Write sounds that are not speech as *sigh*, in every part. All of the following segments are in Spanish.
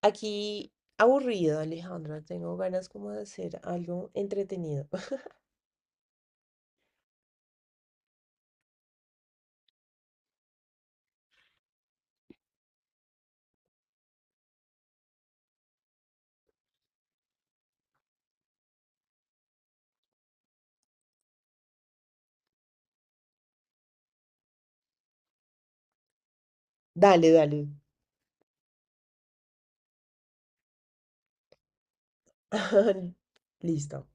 Aquí aburrido, Alejandra. Tengo ganas como de hacer algo entretenido. *laughs* Dale, dale. *laughs* Listo.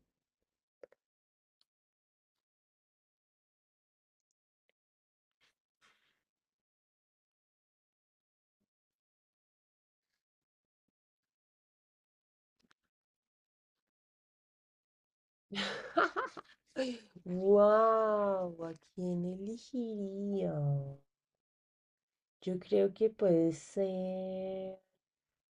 Wow, ¿a quién elegiría? Yo creo que puede ser.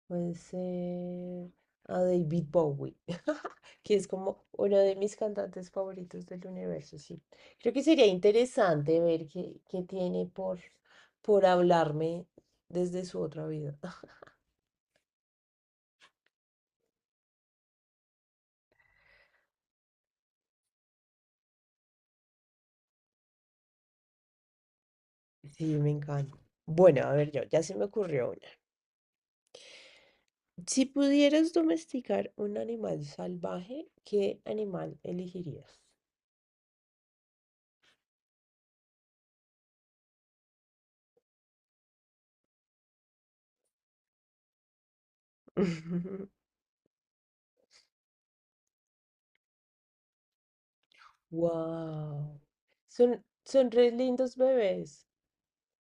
Puede ser a David Bowie, *laughs* que es como uno de mis cantantes favoritos del universo, sí. Creo que sería interesante ver qué tiene por hablarme desde su otra vida. *laughs* Sí, me encanta. Bueno, a ver yo, ya se me ocurrió una. Si pudieras domesticar un animal salvaje, ¿qué animal elegirías? *laughs* Wow. Son re lindos bebés.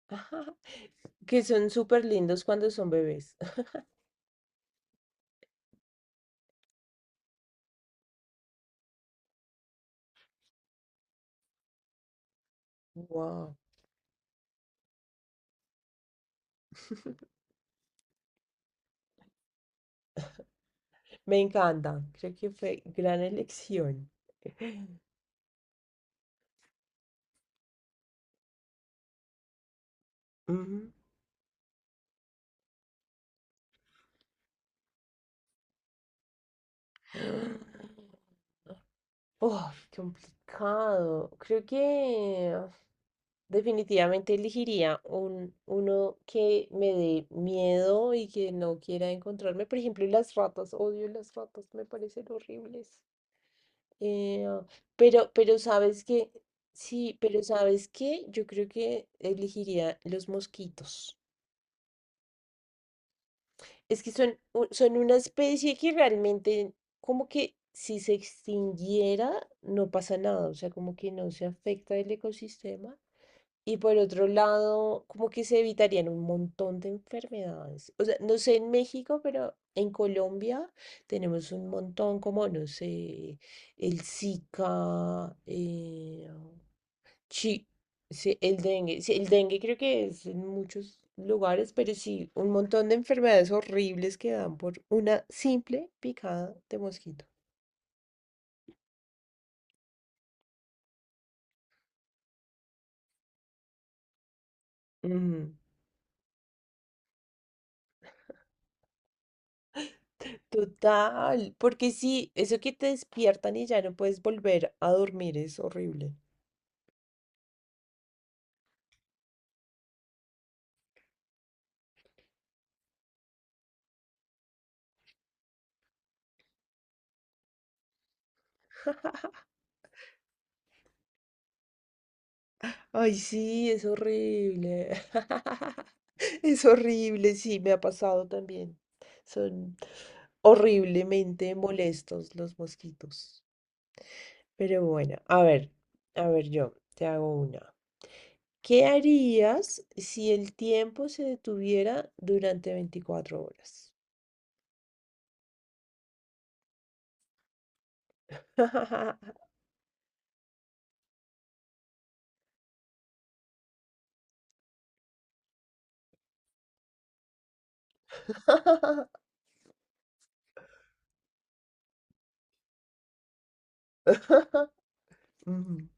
*laughs* Que son súper lindos cuando son bebés. *laughs* Wow, *laughs* me encanta. Creo que fue gran elección. *laughs* Ujú. Oh, complicado. Creo que definitivamente elegiría uno que me dé miedo y que no quiera encontrarme. Por ejemplo, las ratas. Odio las ratas, me parecen horribles. Eh, pero sabes que, sí, pero sabes que yo creo que elegiría los mosquitos. Es que son una especie que realmente, como que si se extinguiera, no pasa nada, o sea, como que no se afecta el ecosistema. Y por otro lado, como que se evitarían un montón de enfermedades. O sea, no sé en México, pero en Colombia tenemos un montón, como, no sé, el Zika, sí, sí, el dengue. Sí, el dengue creo que es en muchos lugares, pero sí, un montón de enfermedades horribles que dan por una simple picada de mosquito. Ujú. Total, porque sí, eso que te despiertan y ya no puedes volver a dormir es horrible. Ay, sí, es horrible. *laughs* Es horrible, sí, me ha pasado también. Son horriblemente molestos los mosquitos. Pero bueno, a ver yo, te hago una. ¿Qué harías si el tiempo se detuviera durante 24 horas? *laughs* Ujú.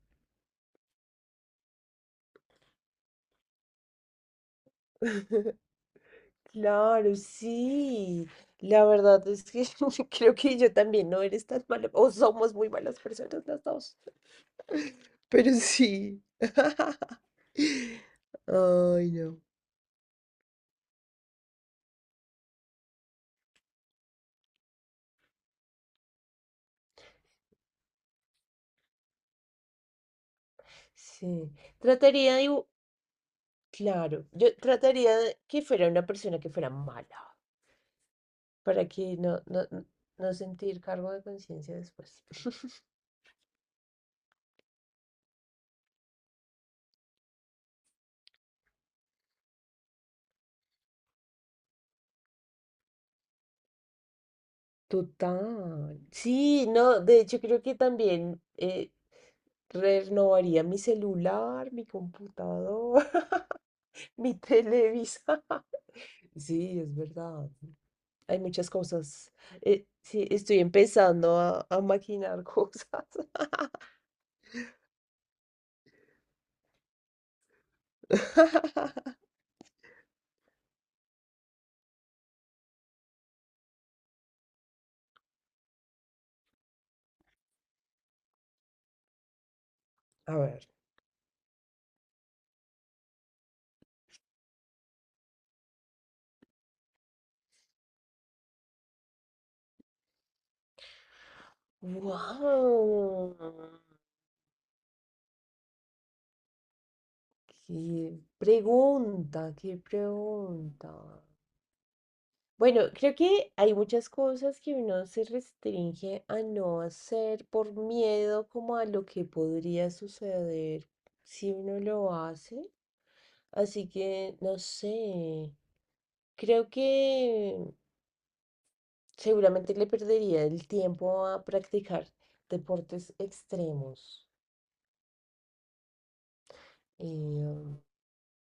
Claro, sí. La verdad es que *laughs* creo que yo también no eres tan mala, o somos muy malas personas las dos. Pero sí. *laughs* Ay, no. Sí. Trataría de... dibu- Claro, yo trataría de que fuera una persona que fuera mala, para que no sentir cargo de conciencia después. *laughs* Total. Sí, no, de hecho creo que también renovaría mi celular, mi computador, *laughs* mi televisor. *laughs* Sí, es verdad. Hay muchas cosas. Sí, estoy empezando a maquinar cosas. *laughs* A ver, ¡wow! ¡Qué pregunta! ¡Qué pregunta! Bueno, creo que hay muchas cosas que uno se restringe a no hacer por miedo como a lo que podría suceder si uno lo hace. Así que, no sé, creo que seguramente le perdería el tiempo a practicar deportes extremos. Eh,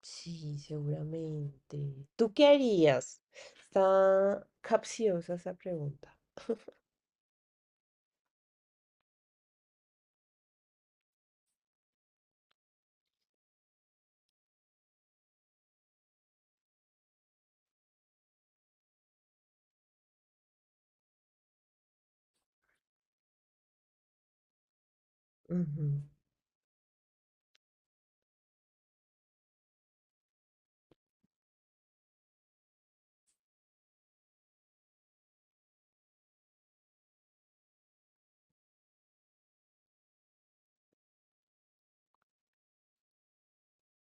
sí, seguramente. ¿Tú qué harías? Está capciosa esa pregunta. Ujú.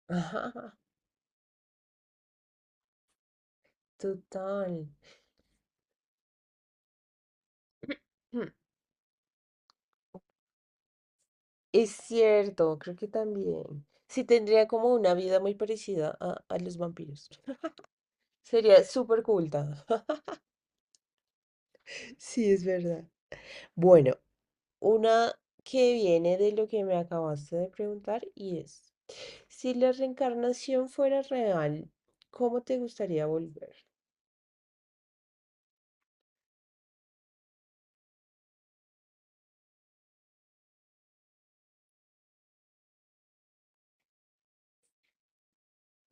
Ajá, total. Hmm, es cierto, creo que también. Sí, tendría como una vida muy parecida a los vampiros. *laughs* Sería súper culta. *laughs* Sí, es verdad. Bueno, una que viene de lo que me acabaste de preguntar y es, si la reencarnación fuera real, ¿cómo te gustaría volver?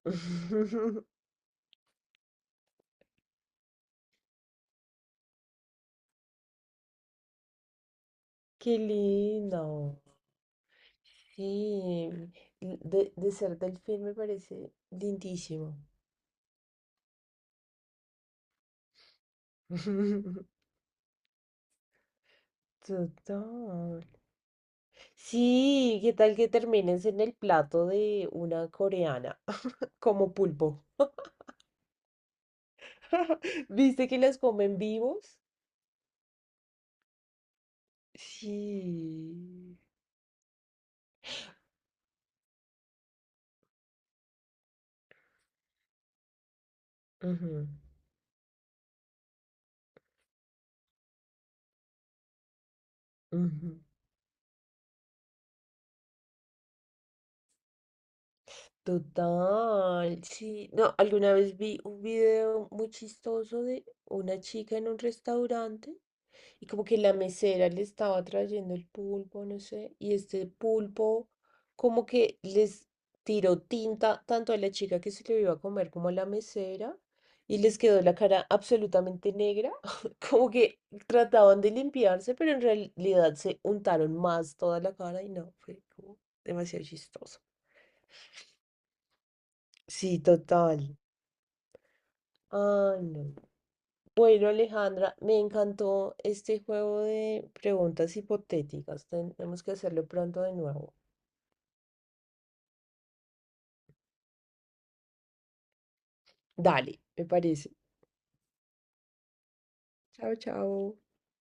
*laughs* Qué lindo. Sí, de ser delfín me parece lindísimo. *laughs* Total. Sí, ¿qué tal que termines en el plato de una coreana *laughs* como pulpo? *laughs* ¿Viste que las comen vivos? Sí. Ujú, ujú. Total, sí. No, alguna vez vi un video muy chistoso de una chica en un restaurante y como que la mesera le estaba trayendo el pulpo, no sé, y este pulpo como que les tiró tinta tanto a la chica que se lo iba a comer como a la mesera y les quedó la cara absolutamente negra, *laughs* como que trataban de limpiarse, pero en realidad se untaron más toda la cara y no, fue como demasiado chistoso. Sí, total. Ah, no. Bueno, Alejandra, me encantó este juego de preguntas hipotéticas. Tenemos que hacerlo pronto de nuevo. Dale, me parece. Chao, chao.